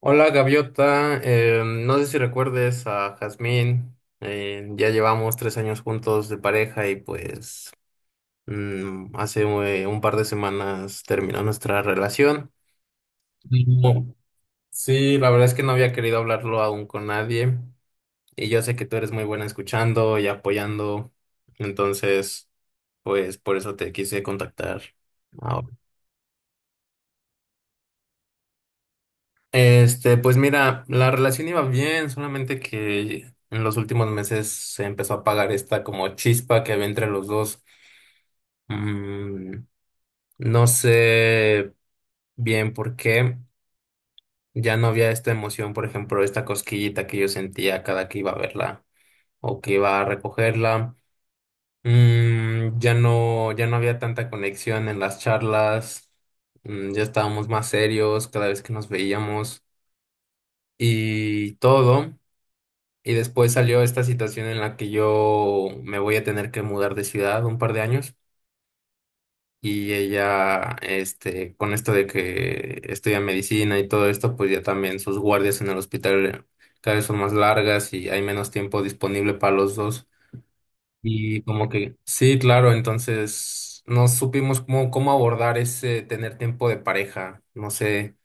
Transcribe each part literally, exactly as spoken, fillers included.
Hola Gaviota. Eh, no sé si recuerdes a Jazmín. Eh, ya llevamos tres años juntos de pareja y pues mm, hace eh, un par de semanas terminó nuestra relación. Mm, oh, sí, la verdad es que no había querido hablarlo aún con nadie, y yo sé que tú eres muy buena escuchando y apoyando, entonces pues por eso te quise contactar ahora. Este, pues mira, la relación iba bien, solamente que en los últimos meses se empezó a apagar esta como chispa que había entre los dos. Mm, no sé bien por qué ya no había esta emoción, por ejemplo, esta cosquillita que yo sentía cada que iba a verla o que iba a recogerla. Mm, ya no, ya no había tanta conexión en las charlas. Mm, ya estábamos más serios cada vez que nos veíamos y todo. Y después salió esta situación en la que yo me voy a tener que mudar de ciudad un par de años, y ella, este, con esto de que estudia medicina y todo esto, pues ya también sus guardias en el hospital cada vez son más largas y hay menos tiempo disponible para los dos. Y como que, sí, claro, entonces no supimos cómo, cómo abordar ese tener tiempo de pareja, no sé,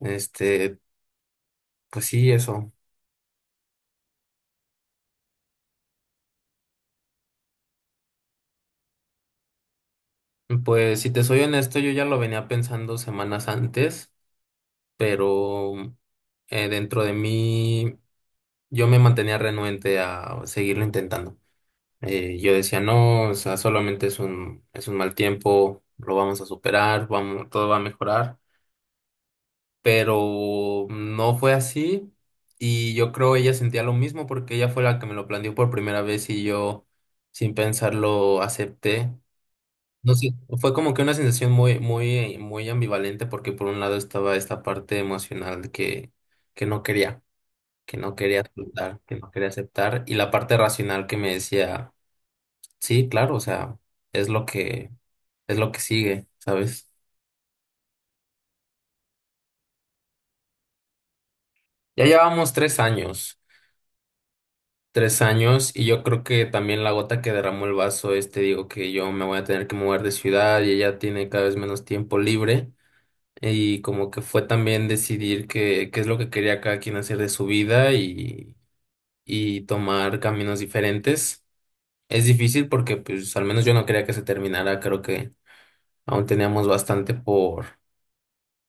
este, pues sí, eso. Pues si te soy honesto, yo ya lo venía pensando semanas antes, pero eh, dentro de mí yo me mantenía renuente a seguirlo intentando. Eh, yo decía, no, o sea, solamente es un, es un mal tiempo, lo vamos a superar, vamos, todo va a mejorar, pero no fue así, y yo creo ella sentía lo mismo porque ella fue la que me lo planteó por primera vez y yo sin pensarlo acepté. No sé, fue como que una sensación muy, muy, muy ambivalente porque por un lado estaba esta parte emocional que, que no quería. que no quería aceptar, que no quería aceptar, y la parte racional que me decía, sí, claro, o sea, es lo que, es lo que sigue, ¿sabes? Ya llevamos tres años, tres años, y yo creo que también la gota que derramó el vaso es, te digo que yo me voy a tener que mover de ciudad y ella tiene cada vez menos tiempo libre. Y como que fue también decidir qué, qué es lo que quería cada quien hacer de su vida, y, y tomar caminos diferentes. Es difícil porque pues al menos yo no quería que se terminara, creo que aún teníamos bastante por,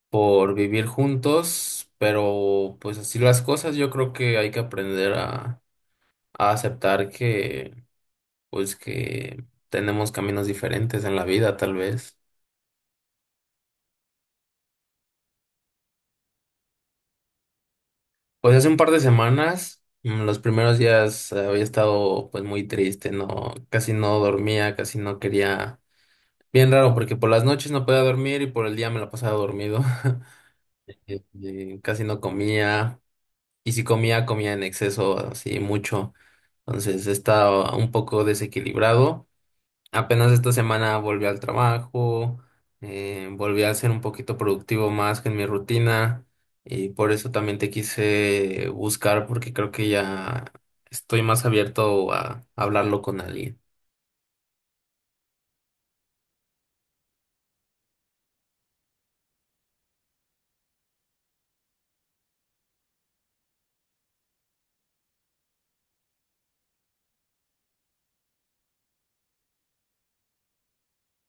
por vivir juntos, pero pues así las cosas, yo creo que hay que aprender a, a aceptar que pues que tenemos caminos diferentes en la vida, tal vez. Pues hace un par de semanas, mm, los primeros días eh, había estado pues muy triste, no, casi no dormía, casi no quería. Bien raro, porque por las noches no podía dormir y por el día me la pasaba dormido. Eh, eh, Casi no comía. Y si comía, comía en exceso, así mucho. Entonces estaba un poco desequilibrado. Apenas esta semana volví al trabajo, eh, volví a ser un poquito productivo más que en mi rutina. Y por eso también te quise buscar, porque creo que ya estoy más abierto a hablarlo con alguien.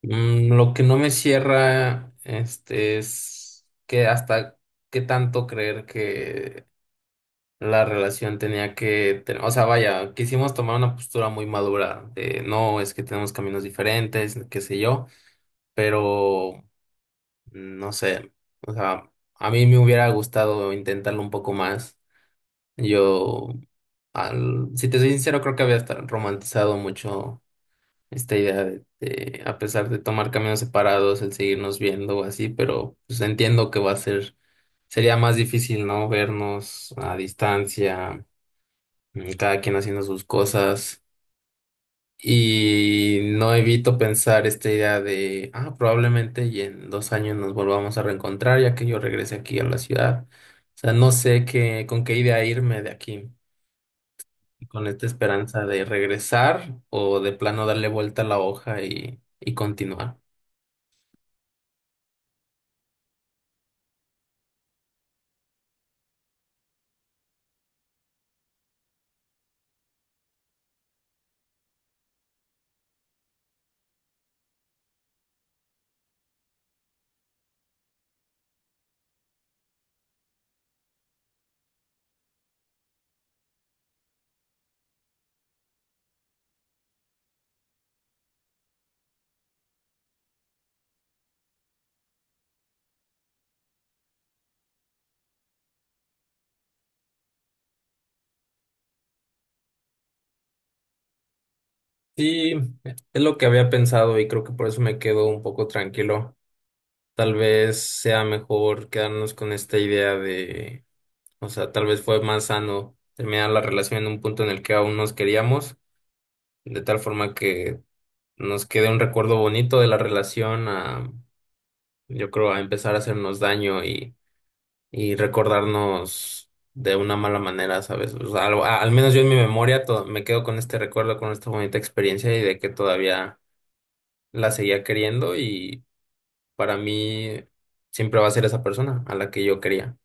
Mm, lo que no me cierra, este, es que hasta qué tanto creer que la relación tenía que, ten- o sea, vaya, quisimos tomar una postura muy madura de no, es que tenemos caminos diferentes, qué sé yo, pero no sé, o sea, a mí me hubiera gustado intentarlo un poco más. Yo, al, si te soy sincero, creo que había hasta romantizado mucho esta idea de, de, a pesar de tomar caminos separados, el seguirnos viendo o así, pero pues entiendo que va a ser, sería más difícil, ¿no? Vernos a distancia, mm, cada quien haciendo sus cosas. Y no evito pensar esta idea de, ah, probablemente y en dos años nos volvamos a reencontrar ya que yo regrese aquí a la ciudad. O sea, no sé qué, con qué idea irme de aquí, con esta esperanza de regresar o de plano darle vuelta a la hoja y, y continuar. Sí, es lo que había pensado y creo que por eso me quedo un poco tranquilo. Tal vez sea mejor quedarnos con esta idea de, o sea, tal vez fue más sano terminar la relación en un punto en el que aún nos queríamos, de tal forma que nos quede un recuerdo bonito de la relación a, yo creo, a empezar a hacernos daño, y, y recordarnos de una mala manera, ¿sabes? O sea, al, a- al menos yo en mi memoria to- me quedo con este recuerdo, con esta bonita experiencia, y de que todavía la seguía queriendo y para mí siempre va a ser esa persona a la que yo quería.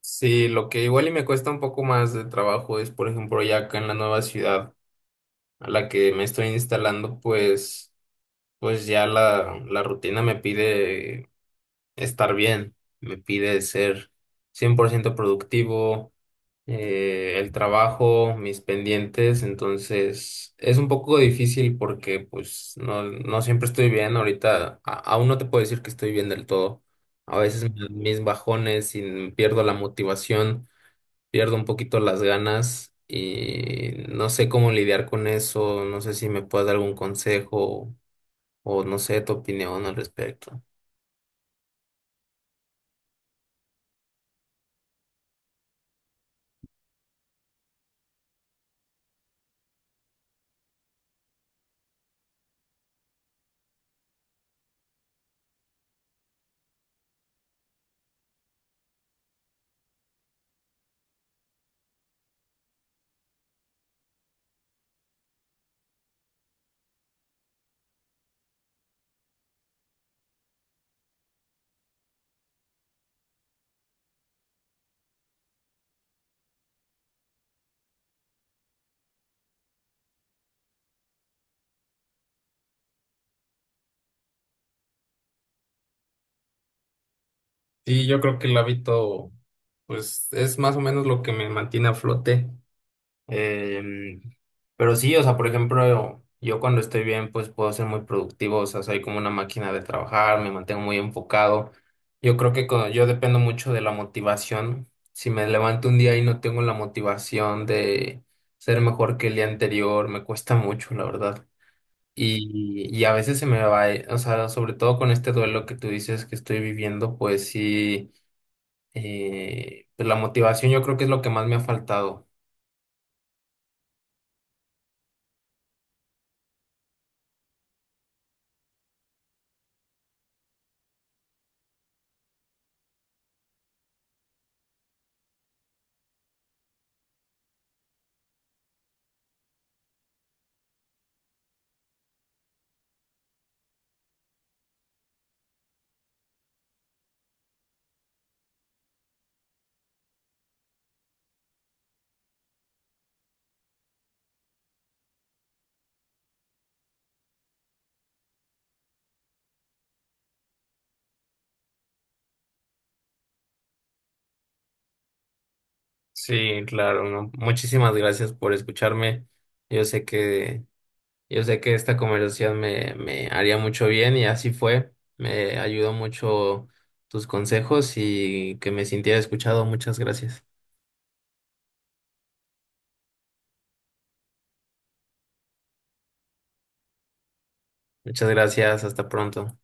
Sí, lo que igual y me cuesta un poco más de trabajo es, por ejemplo, ya acá en la nueva ciudad a la que me estoy instalando, pues, pues ya la, la rutina me pide estar bien, me pide ser cien por ciento productivo, eh, el trabajo, mis pendientes, entonces es un poco difícil porque pues no, no siempre estoy bien, ahorita a- aún no te puedo decir que estoy bien del todo, a veces me dan mis bajones y pierdo la motivación, pierdo un poquito las ganas y no sé cómo lidiar con eso, no sé si me puedes dar algún consejo o no sé tu opinión al respecto. Sí, yo creo que el hábito, pues, es más o menos lo que me mantiene a flote. Em, pero sí, o sea, por ejemplo, yo cuando estoy bien, pues puedo ser muy productivo, o sea, soy como una máquina de trabajar, me mantengo muy enfocado. Yo creo que cuando- yo dependo mucho de la motivación. Si me levanto un día y no tengo la motivación de ser mejor que el día anterior, me cuesta mucho, la verdad. Y, y a veces se me va, eh, o sea, sobre todo con este duelo que tú dices que estoy viviendo, pues sí, eh, pues la motivación yo creo que es lo que más me ha faltado. Sí, claro, ¿no? Muchísimas gracias por escucharme. Yo sé que, yo sé que esta conversación me, me haría mucho bien y así fue. Me ayudó mucho tus consejos y que me sintiera escuchado. Muchas gracias. Muchas gracias. Hasta pronto.